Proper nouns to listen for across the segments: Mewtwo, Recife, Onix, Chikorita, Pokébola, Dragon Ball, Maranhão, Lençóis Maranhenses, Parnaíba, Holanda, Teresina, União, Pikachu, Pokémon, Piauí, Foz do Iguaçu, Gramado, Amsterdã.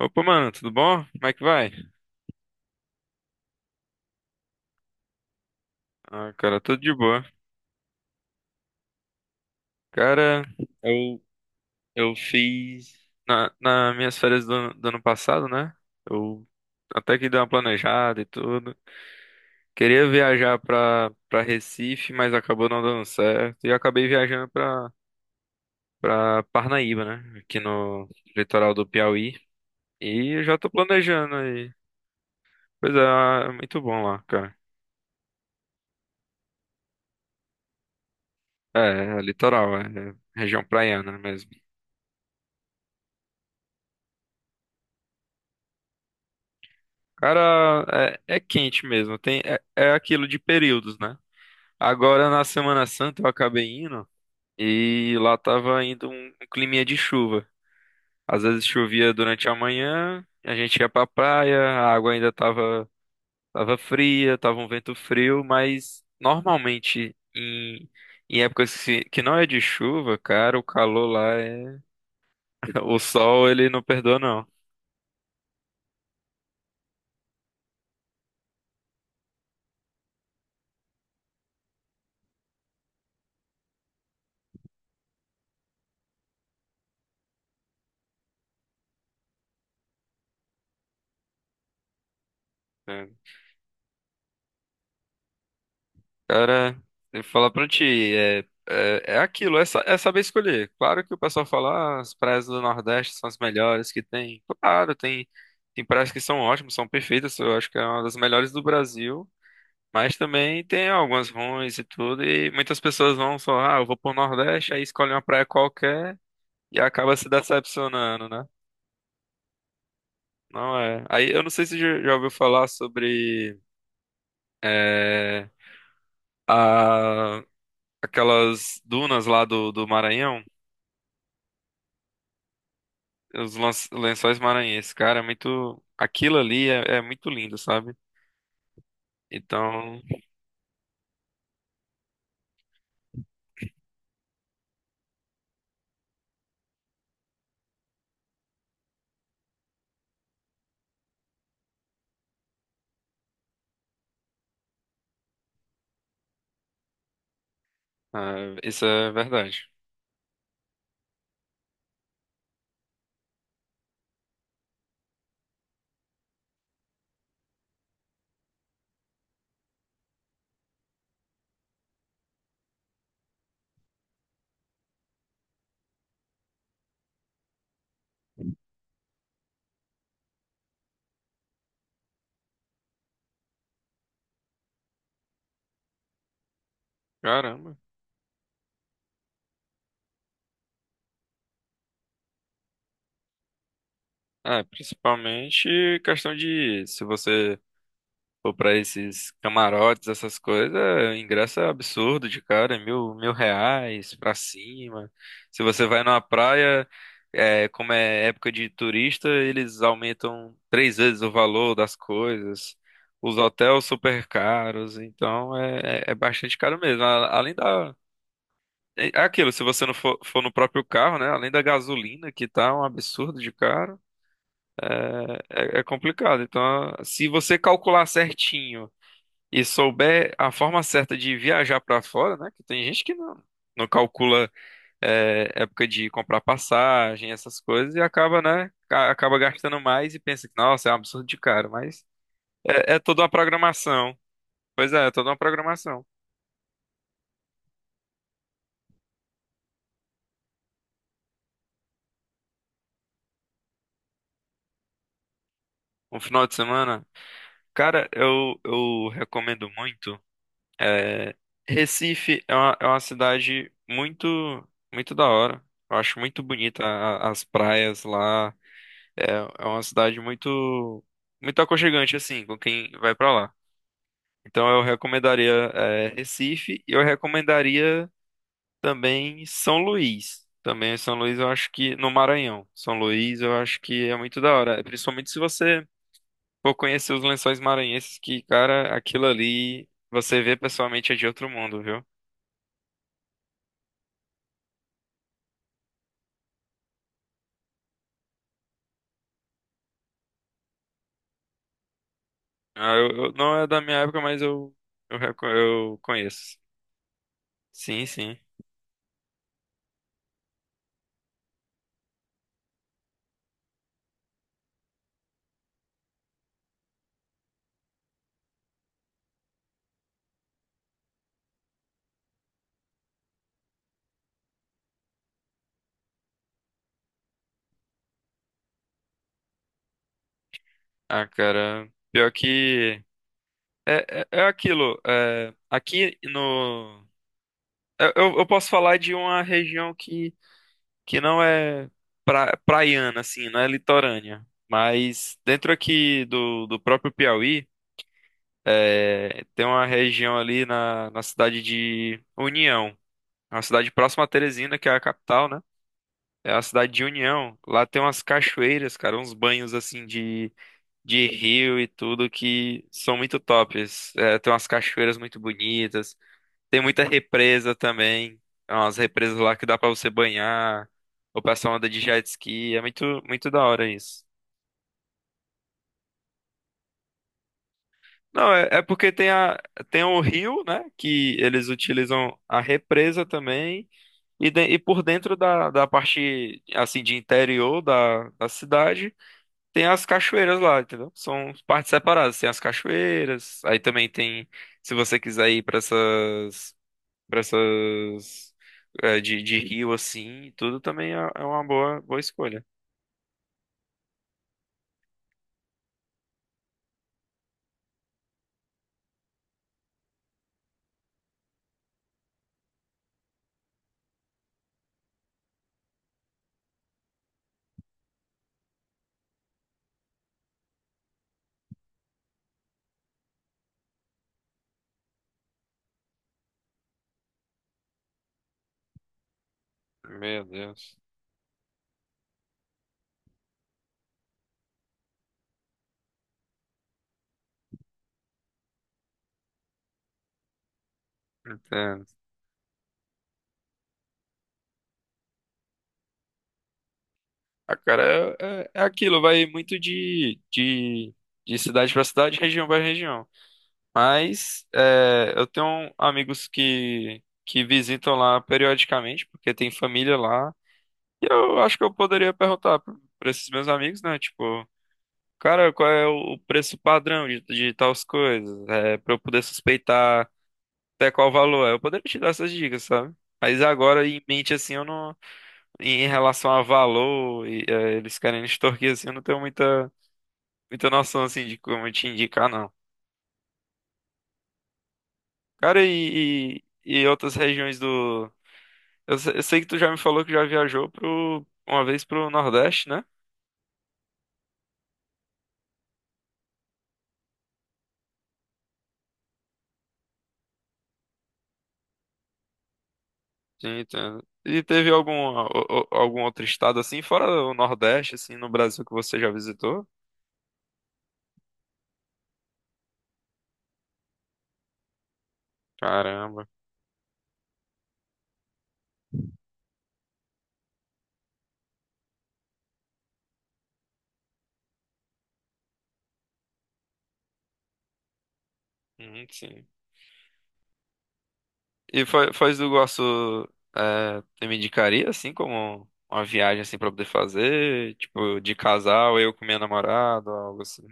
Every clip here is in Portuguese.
Opa, mano, tudo bom? Como é que vai? Ah, cara, tudo de boa. Cara, eu, eu fiz na minhas férias do ano passado, né? Eu até que dei uma planejada e tudo. Queria viajar pra Recife, mas acabou não dando certo. E eu acabei viajando pra Parnaíba, né? Aqui no litoral do Piauí. E eu já tô planejando aí. Pois é. É muito bom lá, cara. É, é litoral. É região praiana mesmo. Cara, é quente mesmo. Tem, é aquilo de períodos, né? Agora na Semana Santa eu acabei indo e lá tava indo um climinha de chuva. Às vezes chovia durante a manhã, a gente ia pra praia, a água ainda tava, tava fria, tava um vento frio, mas normalmente em épocas que não é de chuva, cara, o calor lá é. O sol, ele não perdoa, não, né? Cara, eu vou falar pra ti, é, é, é aquilo, é saber escolher. Claro que o pessoal fala, ah, as praias do Nordeste são as melhores que tem. Claro, tem praias que são ótimas, são perfeitas, eu acho que é uma das melhores do Brasil, mas também tem algumas ruins e tudo, e muitas pessoas vão só, ah, eu vou pro Nordeste, aí escolhe uma praia qualquer e acaba se decepcionando, né? Não é. Aí eu não sei se já ouviu falar sobre é, a, aquelas dunas lá do Maranhão. Os lençóis maranhenses, cara, é muito. Aquilo ali é muito lindo, sabe? Então, ah, isso é verdade. Caramba. É, principalmente questão de se você. Pô, pra esses camarotes, essas coisas, o ingresso é absurdo de cara, é mil reais pra cima. Se você vai numa praia, como é época de turista, eles aumentam três vezes o valor das coisas. Os hotéis super caros, então é bastante caro mesmo. Além da. É aquilo, se você não for, no próprio carro, né? Além da gasolina, que tá um absurdo de caro, é complicado. Então, se você calcular certinho e souber a forma certa de viajar para fora, né? Que tem gente que não calcula época de comprar passagem, essas coisas, e acaba, né? Acaba gastando mais e pensa que, nossa, é um absurdo de caro, mas é toda uma programação. Pois é. É toda uma programação. Um final de semana. Cara, eu recomendo muito. é, Recife é uma cidade muito, muito da hora. Eu acho muito bonita as praias lá. É uma cidade muito, muito aconchegante, assim, com quem vai pra lá. Então eu recomendaria, Recife e eu recomendaria também São Luís. Também São Luís eu acho que no Maranhão. São Luís eu acho que é muito da hora. Principalmente se você for conhecer os Lençóis Maranhenses, que, cara, aquilo ali você vê pessoalmente é de outro mundo, viu? Ah, não é da minha época, mas eu conheço. Sim, sim. Ah, cara. Pior que. É aquilo, aqui no. Eu posso falar de uma região que não é praiana, assim, não é litorânea. Mas dentro aqui do próprio Piauí, tem uma região ali na cidade de União. É uma cidade próxima a Teresina, que é a capital, né? É a cidade de União. Lá tem umas cachoeiras, cara, uns banhos assim de rio e tudo que são muito tops. É, tem umas cachoeiras muito bonitas. Tem muita represa também. Umas represas lá que dá pra você banhar. O pessoal anda de jet ski. É muito, muito da hora isso. Não, é porque tem o rio, né? Que eles utilizam a represa também. E por dentro da parte, assim, de interior da cidade, tem as cachoeiras lá, entendeu? São partes separadas. Tem as cachoeiras. Aí também tem, se você quiser ir para essas. Pra essas de rio assim, e tudo também é uma boa, boa escolha. Meu Deus. Entendo. Ah, cara, é aquilo, vai muito de cidade pra cidade, região pra região. Mas eu tenho amigos que visitam lá periodicamente, porque tem família lá. E eu acho que eu poderia perguntar para esses meus amigos, né? Tipo, cara, qual é o preço padrão de tais coisas? É, para eu poder suspeitar. Até qual valor é. Eu poderia te dar essas dicas, sabe? Mas agora em mente, assim, eu não. Em relação a valor, e, eles querem extorquir, assim, eu não tenho muita, muita noção, assim, de como te indicar, não. Cara, e outras regiões do. Eu, se- eu sei que tu já me falou que já viajou uma vez pro Nordeste, né? Sim, entendo. E teve algum, algum outro estado, assim, fora o Nordeste, assim, no Brasil que você já visitou? Caramba. Sim. E Foz do Iguaçu você me indicaria, assim, como uma viagem, assim, pra poder fazer? Tipo, de casal, eu com minha namorada, algo assim.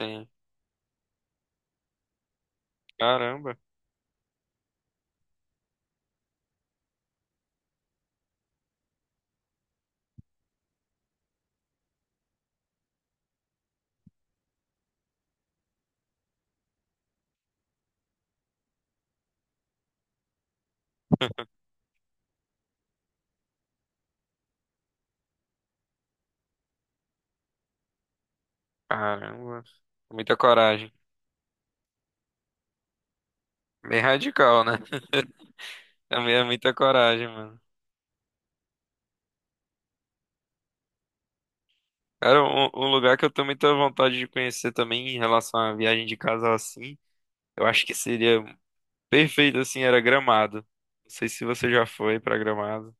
Sim. Caramba, caramba. Muita coragem. Bem radical, né? É muita coragem, mano. Cara, um lugar que eu tenho muita vontade de conhecer também em relação à viagem de casal, assim, eu acho que seria perfeito, assim, era Gramado. Não sei se você já foi pra Gramado.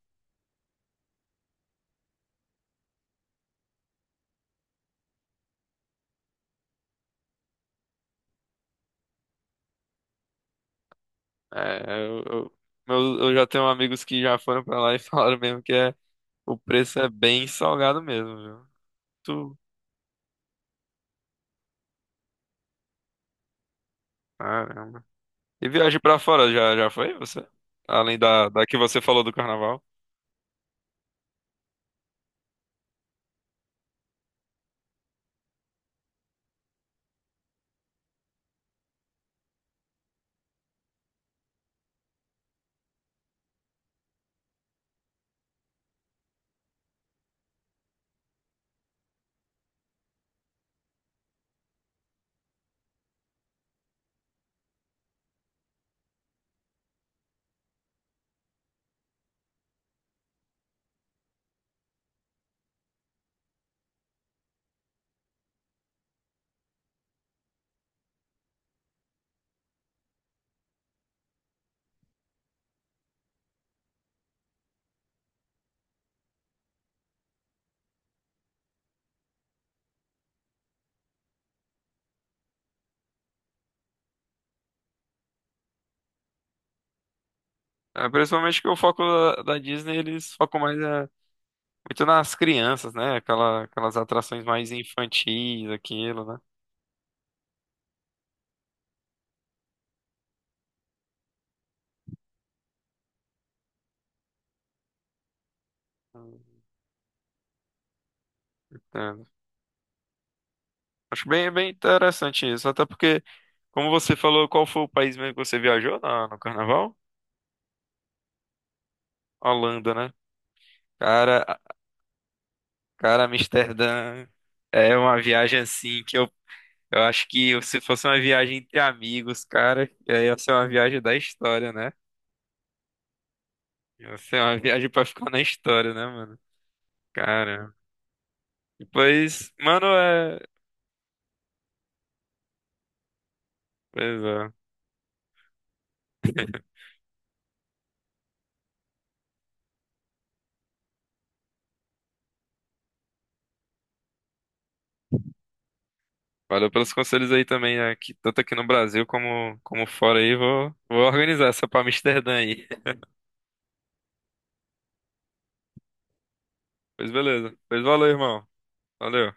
É, eu, eu, eu já tenho amigos que já foram pra lá e falaram mesmo que o preço é bem salgado mesmo, viu? Tu, caramba. E viagem pra fora, já foi você? Além da que você falou do carnaval? É, principalmente que o foco da Disney, eles focam mais muito nas crianças, né? Aquelas atrações mais infantis, aquilo, né? Entendo. Acho bem interessante isso, até porque, como você falou, qual foi o país mesmo que você viajou no carnaval? Holanda, né? Cara, Cara, Amsterdã é uma viagem assim que eu acho que se fosse uma viagem entre amigos, cara, ia ser uma viagem da história, né? Ia ser uma viagem pra ficar na história, né, mano? Cara. Depois, mano, é. Pois é. Valeu pelos conselhos aí também, né? Que tanto aqui no Brasil como fora aí. Vou organizar essa pra Amsterdã aí. Pois beleza. Pois valeu, irmão. Valeu.